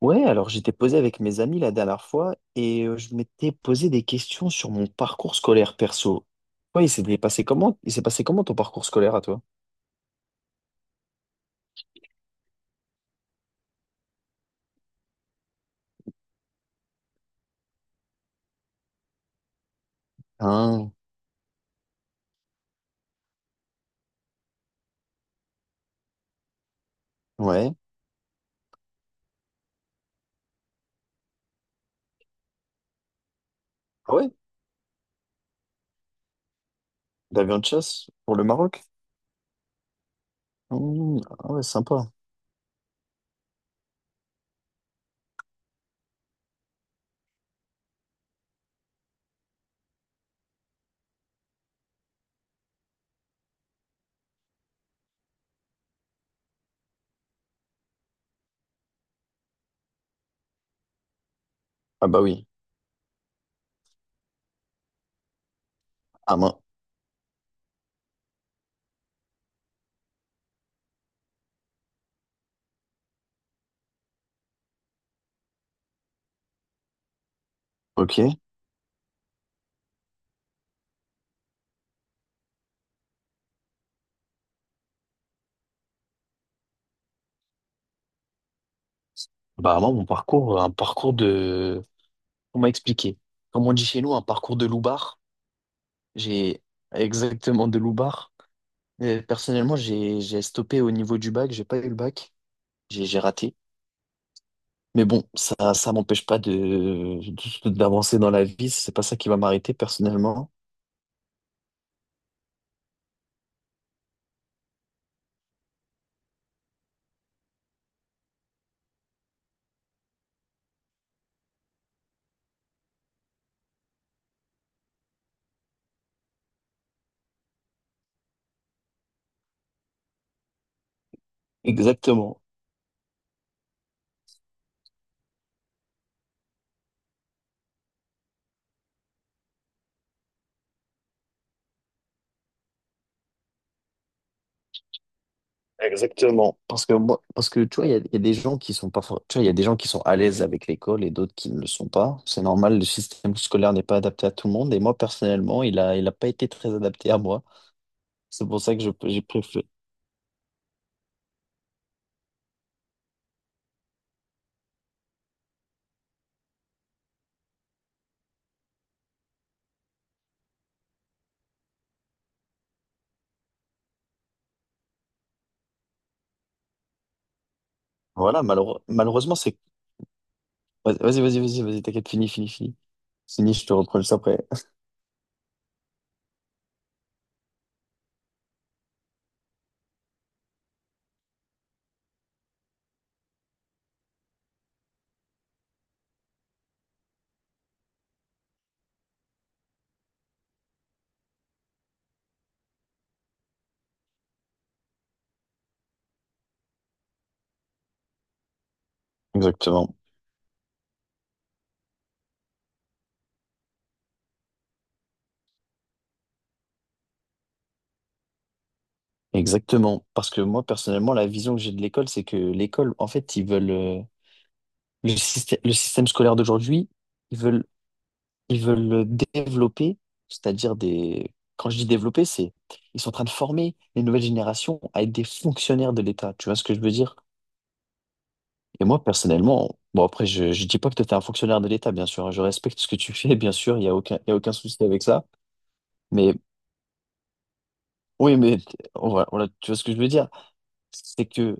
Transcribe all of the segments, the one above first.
Ouais, alors j'étais posé avec mes amis la dernière fois et je m'étais posé des questions sur mon parcours scolaire perso. Ouais, il s'est passé comment? Il s'est passé comment ton parcours scolaire à toi? Ah, ouais. Ah ouais? D'avion de chasse pour le Maroc? Ah ouais, sympa. Ah bah oui. Ah moi, ok. Bah moi, mon parcours, un parcours de... On m'a expliqué. Comme on dit chez nous, un parcours de loubard. J'ai exactement de loubard. Personnellement, j'ai stoppé au niveau du bac, j'ai pas eu le bac, j'ai raté. Mais bon, ça m'empêche pas de, d'avancer dans la vie. C'est pas ça qui va m'arrêter personnellement. Exactement. Exactement. Parce que moi, parce que tu vois, il y a des gens qui sont pas, tu vois, il y a des gens qui sont à l'aise avec l'école et d'autres qui ne le sont pas. C'est normal, le système scolaire n'est pas adapté à tout le monde. Et moi, personnellement, il a pas été très adapté à moi. C'est pour ça que je, j'ai préféré. Voilà, malheureusement, c'est, vas-y, vas-y, vas-y, vas-y, t'inquiète, fini, fini, fini. Fini, je te reprends juste après. Exactement. Exactement, parce que moi personnellement, la vision que j'ai de l'école, c'est que l'école, en fait, ils veulent le système scolaire d'aujourd'hui, ils veulent, ils veulent le développer, c'est-à-dire des. Quand je dis développer, c'est ils sont en train de former les nouvelles générations à être des fonctionnaires de l'État. Tu vois ce que je veux dire? Et moi personnellement, bon après, je dis pas que tu es un fonctionnaire de l'État, bien sûr, hein, je respecte ce que tu fais, bien sûr, il y a aucun, il y a aucun souci avec ça. Mais oui, mais on tu vois ce que je veux dire? C'est que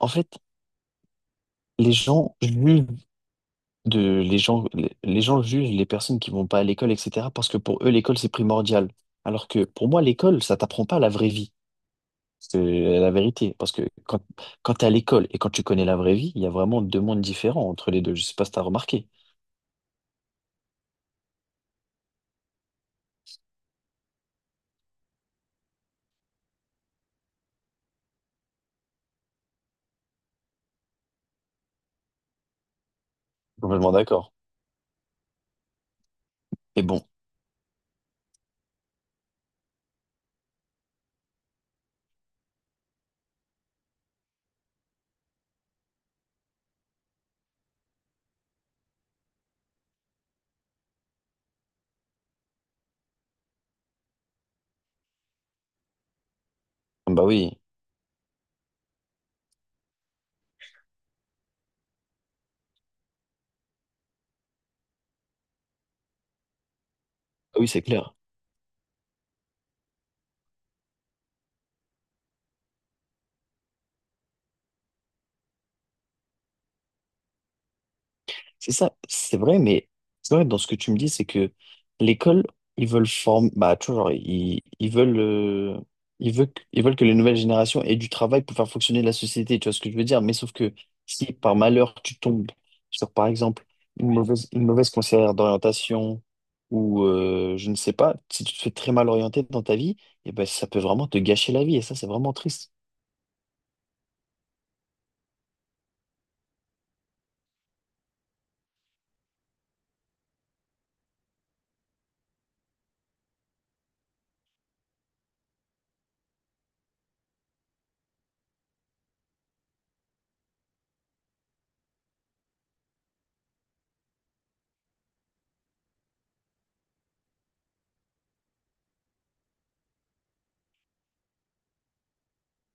en fait, les gens jugent. De les gens les gens jugent les personnes qui vont pas à l'école etc parce que pour eux l'école c'est primordial alors que pour moi l'école ça t'apprend pas la vraie vie c'est la vérité parce que quand t'es à l'école et quand tu connais la vraie vie il y a vraiment deux mondes différents entre les deux je sais pas si t'as remarqué complètement d'accord et bon ah bah oui. Ah oui c'est clair. C'est ça, c'est vrai, mais c'est vrai dans ce que tu me dis, c'est que l'école, ils veulent former, bah, tu vois, genre, ils veulent, ils veulent, ils veulent que les nouvelles générations aient du travail pour faire fonctionner la société, tu vois ce que je veux dire? Mais sauf que si par malheur tu tombes sur, par exemple, une mauvaise conseillère d'orientation ou je ne sais pas, si tu te fais très mal orienter dans ta vie, et ben, ça peut vraiment te gâcher la vie et ça, c'est vraiment triste.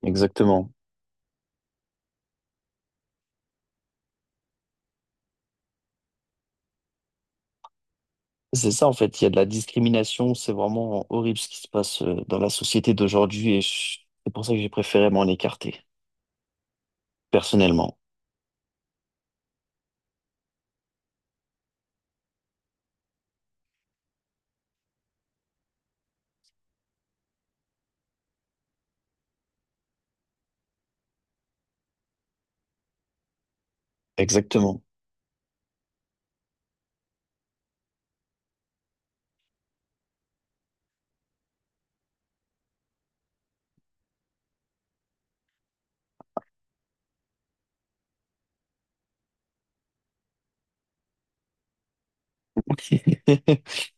Exactement. C'est ça, en fait, il y a de la discrimination, c'est vraiment horrible ce qui se passe dans la société d'aujourd'hui et c'est pour ça que j'ai préféré m'en écarter, personnellement. Exactement.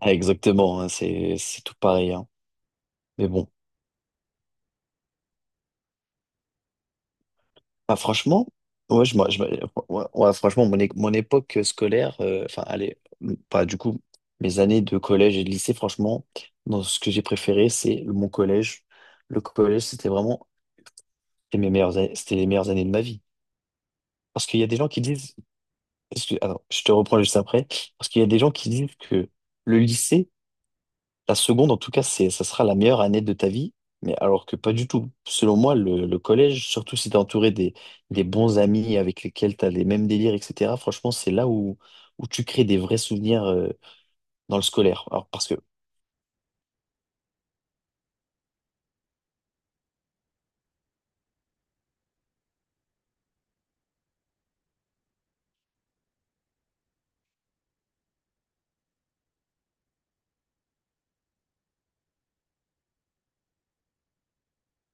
Ah, exactement, hein, c'est tout pareil. Hein. Mais bon, ah, franchement, ouais, je, ouais, ouais, franchement, mon, mon époque scolaire, enfin, allez, pas du coup, mes années de collège et de lycée, franchement, dans ce que j'ai préféré, c'est mon collège. Le collège, c'était vraiment c'était mes meilleures, c'était les meilleures années de ma vie. Parce qu'il y a des gens qui disent alors, je te reprends juste après, parce qu'il y a des gens qui disent que le lycée, la seconde en tout cas, c'est, ça sera la meilleure année de ta vie, mais alors que pas du tout. Selon moi, le collège, surtout si t'es entouré des bons amis avec lesquels t'as les mêmes délires, etc., franchement, c'est là où, où tu crées des vrais souvenirs dans le scolaire. Alors, parce que,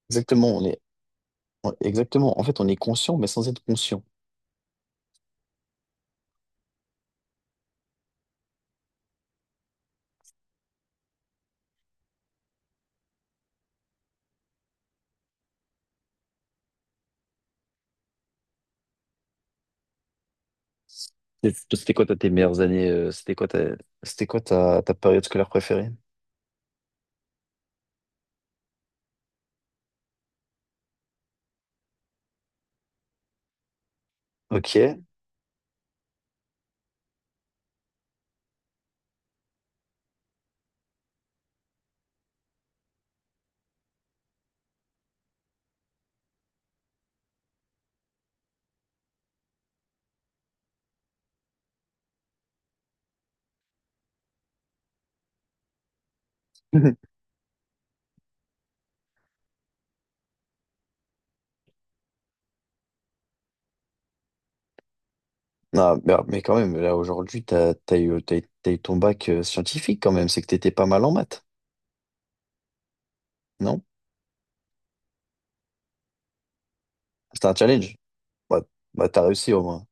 exactement, on est, exactement, en fait, on est conscient, mais sans être conscient. Et toi, c'était quoi, toi, tes meilleures années, c'était quoi ta, ta période scolaire préférée? Ok. Ah, mais quand même, là aujourd'hui, t'as, t'as eu, t'as eu ton bac scientifique quand même, c'est que t'étais pas mal en maths, non? C'était un challenge. Bah, bah, t'as réussi au moins,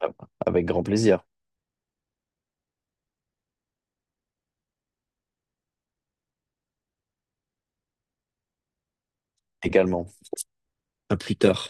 ah bah, avec grand plaisir également. À plus tard.